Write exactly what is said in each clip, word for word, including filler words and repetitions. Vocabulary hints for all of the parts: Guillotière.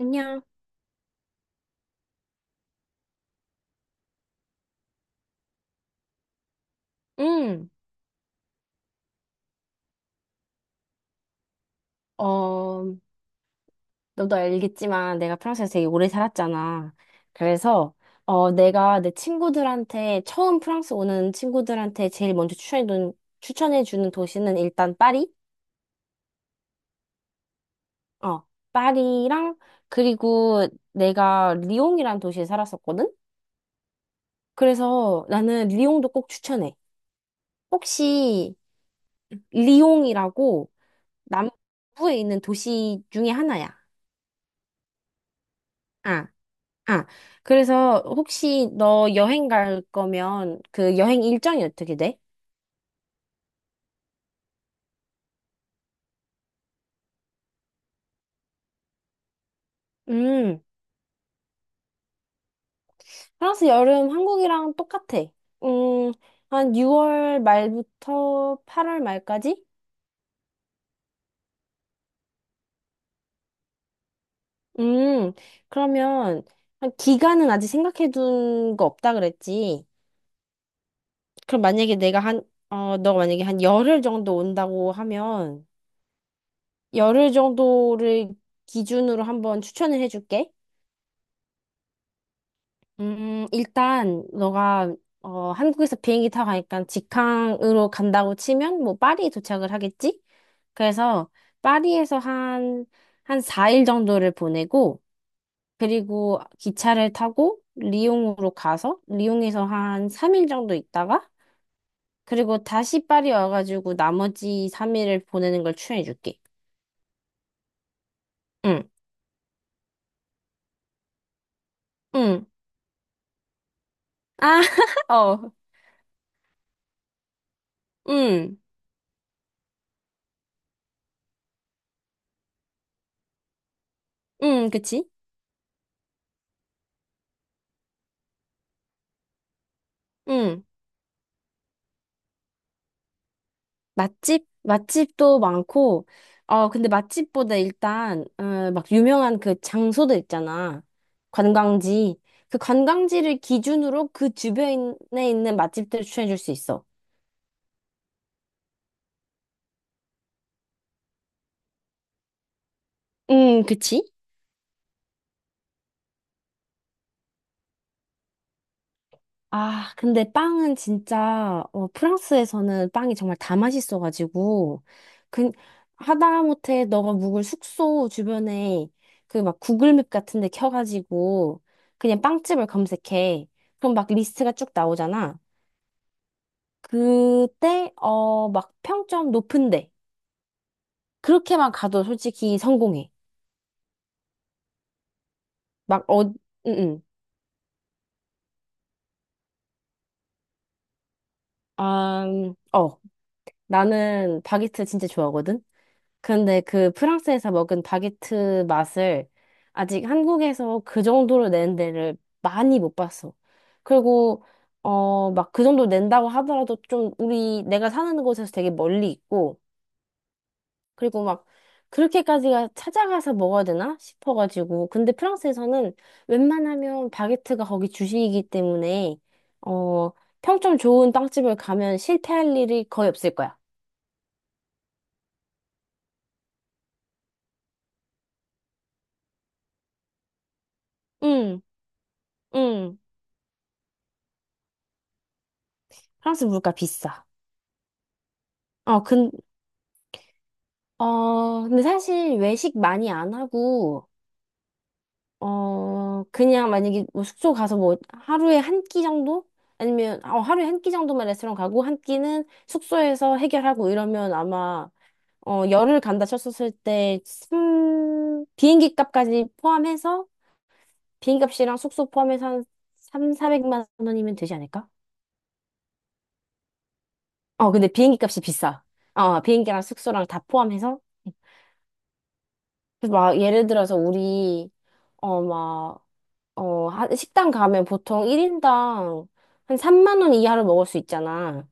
안녕. 응. 어, 너도 알겠지만 내가 프랑스에서 되게 오래 살았잖아. 그래서 어, 내가 내 친구들한테 처음 프랑스 오는 친구들한테 제일 먼저 추천해 주는 추천해 주는 도시는 일단 파리? 어, 파리랑 그리고 내가 리옹이란 도시에 살았었거든. 그래서 나는 리옹도 꼭 추천해. 혹시 리옹이라고 남부에 있는 도시 중에 하나야. 아, 아, 그래서 혹시 너 여행 갈 거면 그 여행 일정이 어떻게 돼? 음, 프랑스 여름 한국이랑 똑같아. 음, 한 유월 말부터 팔월 말까지? 음, 그러면 한 기간은 아직 생각해둔 거 없다 그랬지. 그럼 만약에 내가 한, 어, 너가 만약에 한 열흘 정도 온다고 하면 열흘 정도를 기준으로 한번 추천을 해줄게. 음, 일단 너가 어, 한국에서 비행기 타고 가니까 직항으로 간다고 치면 뭐 파리에 도착을 하겠지? 그래서 파리에서 한, 한 사 일 정도를 보내고 그리고 기차를 타고 리옹으로 가서 리옹에서 한 삼 일 정도 있다가 그리고 다시 파리 와가지고 나머지 삼 일을 보내는 걸 추천해 줄게. 응, 응. 아, 어, 응, 응, 그치? 응. 맛집? 맛집도 많고, 어, 근데 맛집보다 일단, 어, 막 유명한 그 장소들 있잖아. 관광지. 그 관광지를 기준으로 그 주변에 있는 맛집들을 추천해 줄 수 있어. 음, 그치? 아, 근데 빵은 진짜, 어, 프랑스에서는 빵이 정말 다 맛있어가지고, 그, 하다못해 너가 묵을 숙소 주변에 그 막 구글맵 같은 데 켜가지고, 그냥 빵집을 검색해. 그럼 막 리스트가 쭉 나오잖아. 그때, 어, 막 평점 높은데. 그렇게만 가도 솔직히 성공해. 막, 어, 응, 응. 아, 음, 어, 나는 바게트 진짜 좋아하거든? 근데 그 프랑스에서 먹은 바게트 맛을 아직 한국에서 그 정도로 낸 데를 많이 못 봤어. 그리고 어, 막 그 정도 낸다고 하더라도 좀 우리 내가 사는 곳에서 되게 멀리 있고 그리고 막 그렇게까지가 찾아가서 먹어야 되나 싶어가지고 근데 프랑스에서는 웬만하면 바게트가 거기 주식이기 때문에 어, 평점 좋은 빵집을 가면 실패할 일이 거의 없을 거야. 응, 응. 프랑스 물가 비싸. 어, 근, 어, 근데 사실 외식 많이 안 하고, 어, 그냥 만약에 뭐 숙소 가서 뭐 하루에 한 끼 정도? 아니면, 어, 하루에 한 끼 정도만 레스토랑 가고, 한 끼는 숙소에서 해결하고 이러면 아마, 어, 열흘 간다 쳤었을 때, 삼, 비행기 값까지 포함해서, 비행기 값이랑 숙소 포함해서 한 삼, 사백만 원이면 되지 않을까? 어, 근데 비행기 값이 비싸. 어, 비행기랑 숙소랑 다 포함해서. 그래서 막 예를 들어서 우리, 어, 막, 어, 한 식당 가면 보통 일 인당 한 삼만 원 이하로 먹을 수 있잖아.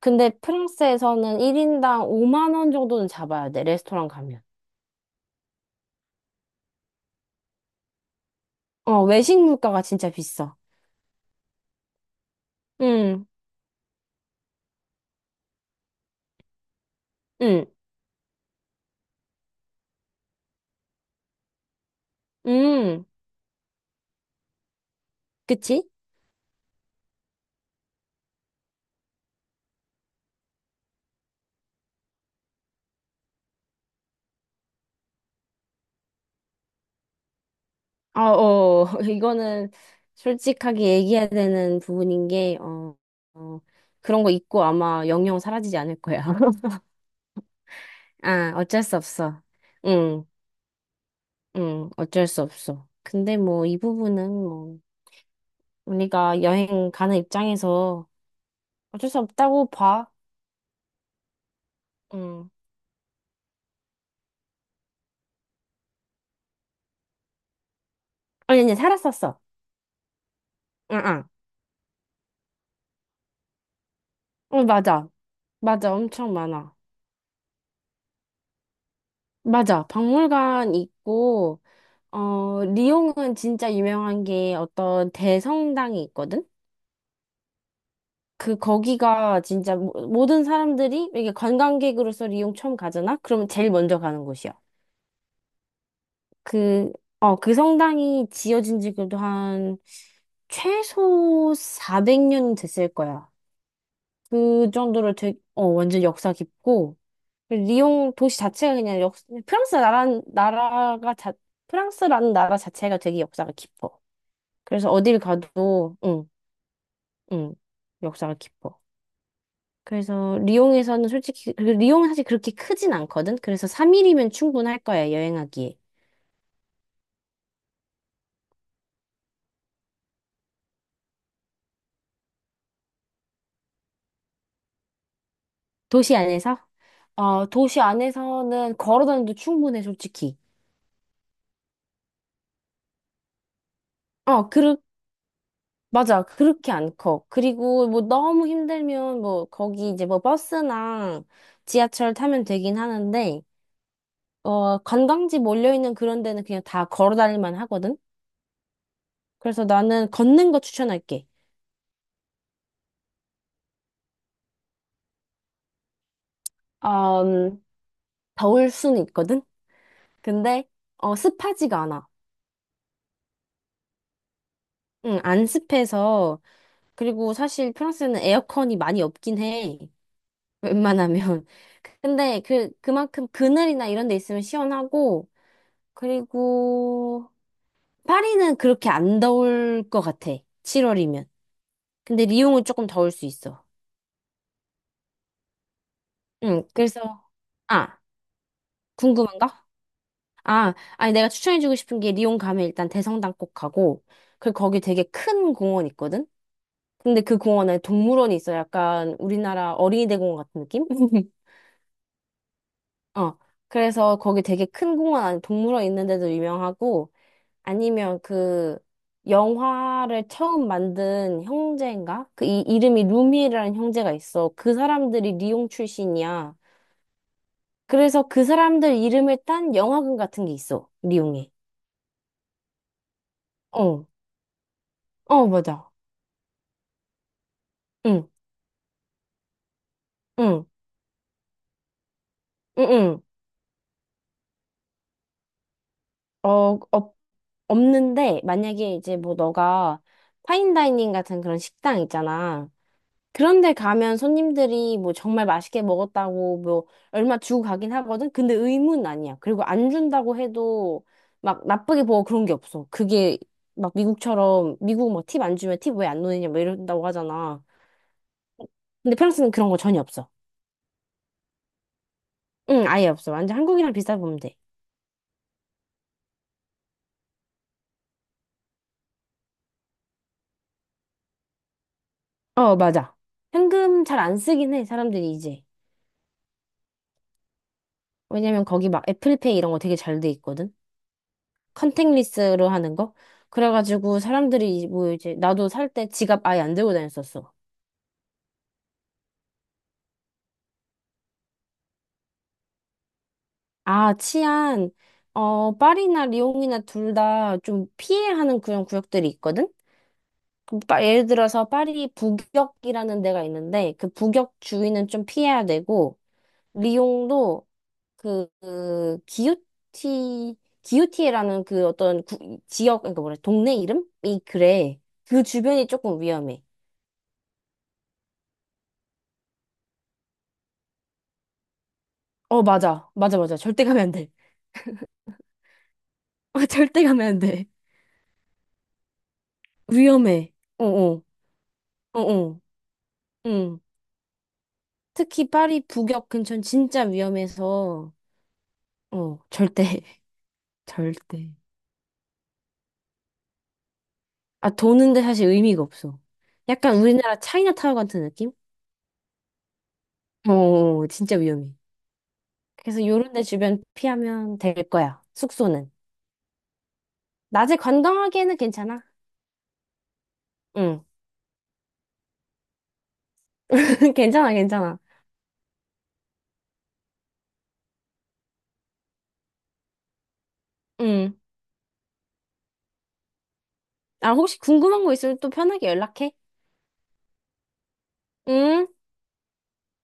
근데 프랑스에서는 일 인당 오만 원 정도는 잡아야 돼, 레스토랑 가면. 어, 외식 물가가 진짜 비싸. 응, 응, 응. 그치? 아, 어, 이거는 솔직하게 얘기해야 되는 부분인 게, 어, 어, 그런 거 있고 아마 영영 사라지지 않을 거야. 아, 어쩔 수 없어. 응, 응, 어쩔 수 없어. 근데 뭐, 이 부분은 뭐, 우리가 여행 가는 입장에서 어쩔 수 없다고 봐. 응. 아니, 아니, 살았었어. 응, 응. 응, 맞아. 맞아. 엄청 많아. 맞아. 박물관 있고, 어, 리옹은 진짜 유명한 게 어떤 대성당이 있거든? 그, 거기가 진짜 모- 모든 사람들이 이게 관광객으로서 리옹 처음 가잖아? 그러면 제일 먼저 가는 곳이야. 그, 어, 그 성당이 지어진 지 그래도 한 최소 사백 년 됐을 거야. 그 정도로 되게, 어, 완전 역사 깊고, 리옹 도시 자체가 그냥 역, 프랑스 나라, 나라가 자, 프랑스라는 나라 자체가 되게 역사가 깊어. 그래서 어딜 가도, 응, 응, 역사가 깊어. 그래서 리옹에서는 솔직히, 그리고 리옹은 사실 그렇게 크진 않거든? 그래서 삼 일이면 충분할 거야, 여행하기에. 도시 안에서? 어, 도시 안에서는 걸어 다녀도 충분해, 솔직히. 어, 그렇게 맞아. 그렇게 안 커. 그리고 뭐 너무 힘들면 뭐 거기 이제 뭐 버스나 지하철 타면 되긴 하는데, 어, 관광지 몰려있는 그런 데는 그냥 다 걸어 다닐만 하거든? 그래서 나는 걷는 거 추천할게. 어, 음, 더울 순 있거든? 근데, 어, 습하지가 않아. 응, 안 습해서. 그리고 사실 프랑스는 에어컨이 많이 없긴 해. 웬만하면. 근데 그, 그만큼 그늘이나 이런 데 있으면 시원하고, 그리고, 파리는 그렇게 안 더울 것 같아. 칠월이면. 근데 리옹은 조금 더울 수 있어. 응, 그래서, 아, 궁금한 거? 아, 아니, 내가 추천해주고 싶은 게 리옹 가면 일단 대성당 꼭 가고, 그리고 거기 되게 큰 공원 있거든? 근데 그 공원에 동물원이 있어. 약간 우리나라 어린이 대공원 같은 느낌? 어. 그래서 거기 되게 큰 공원 안에 동물원 있는데도 유명하고, 아니면 그 영화를 처음 만든 형제인가? 그 이, 이름이 루미라는 형제가 있어. 그 사람들이 리옹 출신이야. 그래서 그 사람들 이름을 딴 영화관 같은 게 있어. 리옹에. 어, 어, 맞아. 응, 응, 응, 응. 어, 어, 없는데 만약에 이제 뭐 너가 파인다이닝 같은 그런 식당 있잖아. 그런데 가면 손님들이 뭐 정말 맛있게 먹었다고 뭐 얼마 주고 가긴 하거든? 근데 의무는 아니야. 그리고 안 준다고 해도 막 나쁘게 보고 그런 게 없어. 그게 막 미국처럼 미국 막 팁 안 주면 팁 왜 안 넣느냐 막 이런다고 하잖아. 근데 프랑스는 그런 거 전혀 없어. 응, 아예 없어. 완전 한국이랑 비슷하게 보면 돼. 어, 맞아. 현금 잘 안 쓰긴 해, 사람들이 이제. 왜냐면 거기 막 애플페이 이런 거 되게 잘 돼 있거든? 컨택리스로 하는 거? 그래가지고 사람들이 이- 뭐 이제 나도 살 때 지갑 아예 안 들고 다녔었어. 아, 치안. 어, 파리나 리옹이나 둘 다 좀 피해 하는 그런 구역들이 있거든? 그 파- 예를 들어서 파리 북역이라는 데가 있는데 그 북역 주위는 좀 피해야 되고 리옹도 그, 그 기요티 기요티에라는 그 어떤 구- 지역 그러니까 뭐래 동네 이름이 그래 그 주변이 조금 위험해. 어 맞아 맞아 맞아 절대 가면 안 돼. 아, 절대 가면 안 돼. 위험해. 어어. 어어. 응. 특히 파리 북역 근처는 진짜 위험해서, 어, 절대. 절대. 아, 도는데 사실 의미가 없어. 약간 우리나라 차이나타운 같은 느낌? 어, 어, 어. 진짜 위험해. 그래서 요런 데 주변 피하면 될 거야. 숙소는. 낮에 관광하기에는 괜찮아. 응. 괜찮아, 괜찮아. 응. 아, 혹시 궁금한 거 있으면 또 편하게 연락해. 응?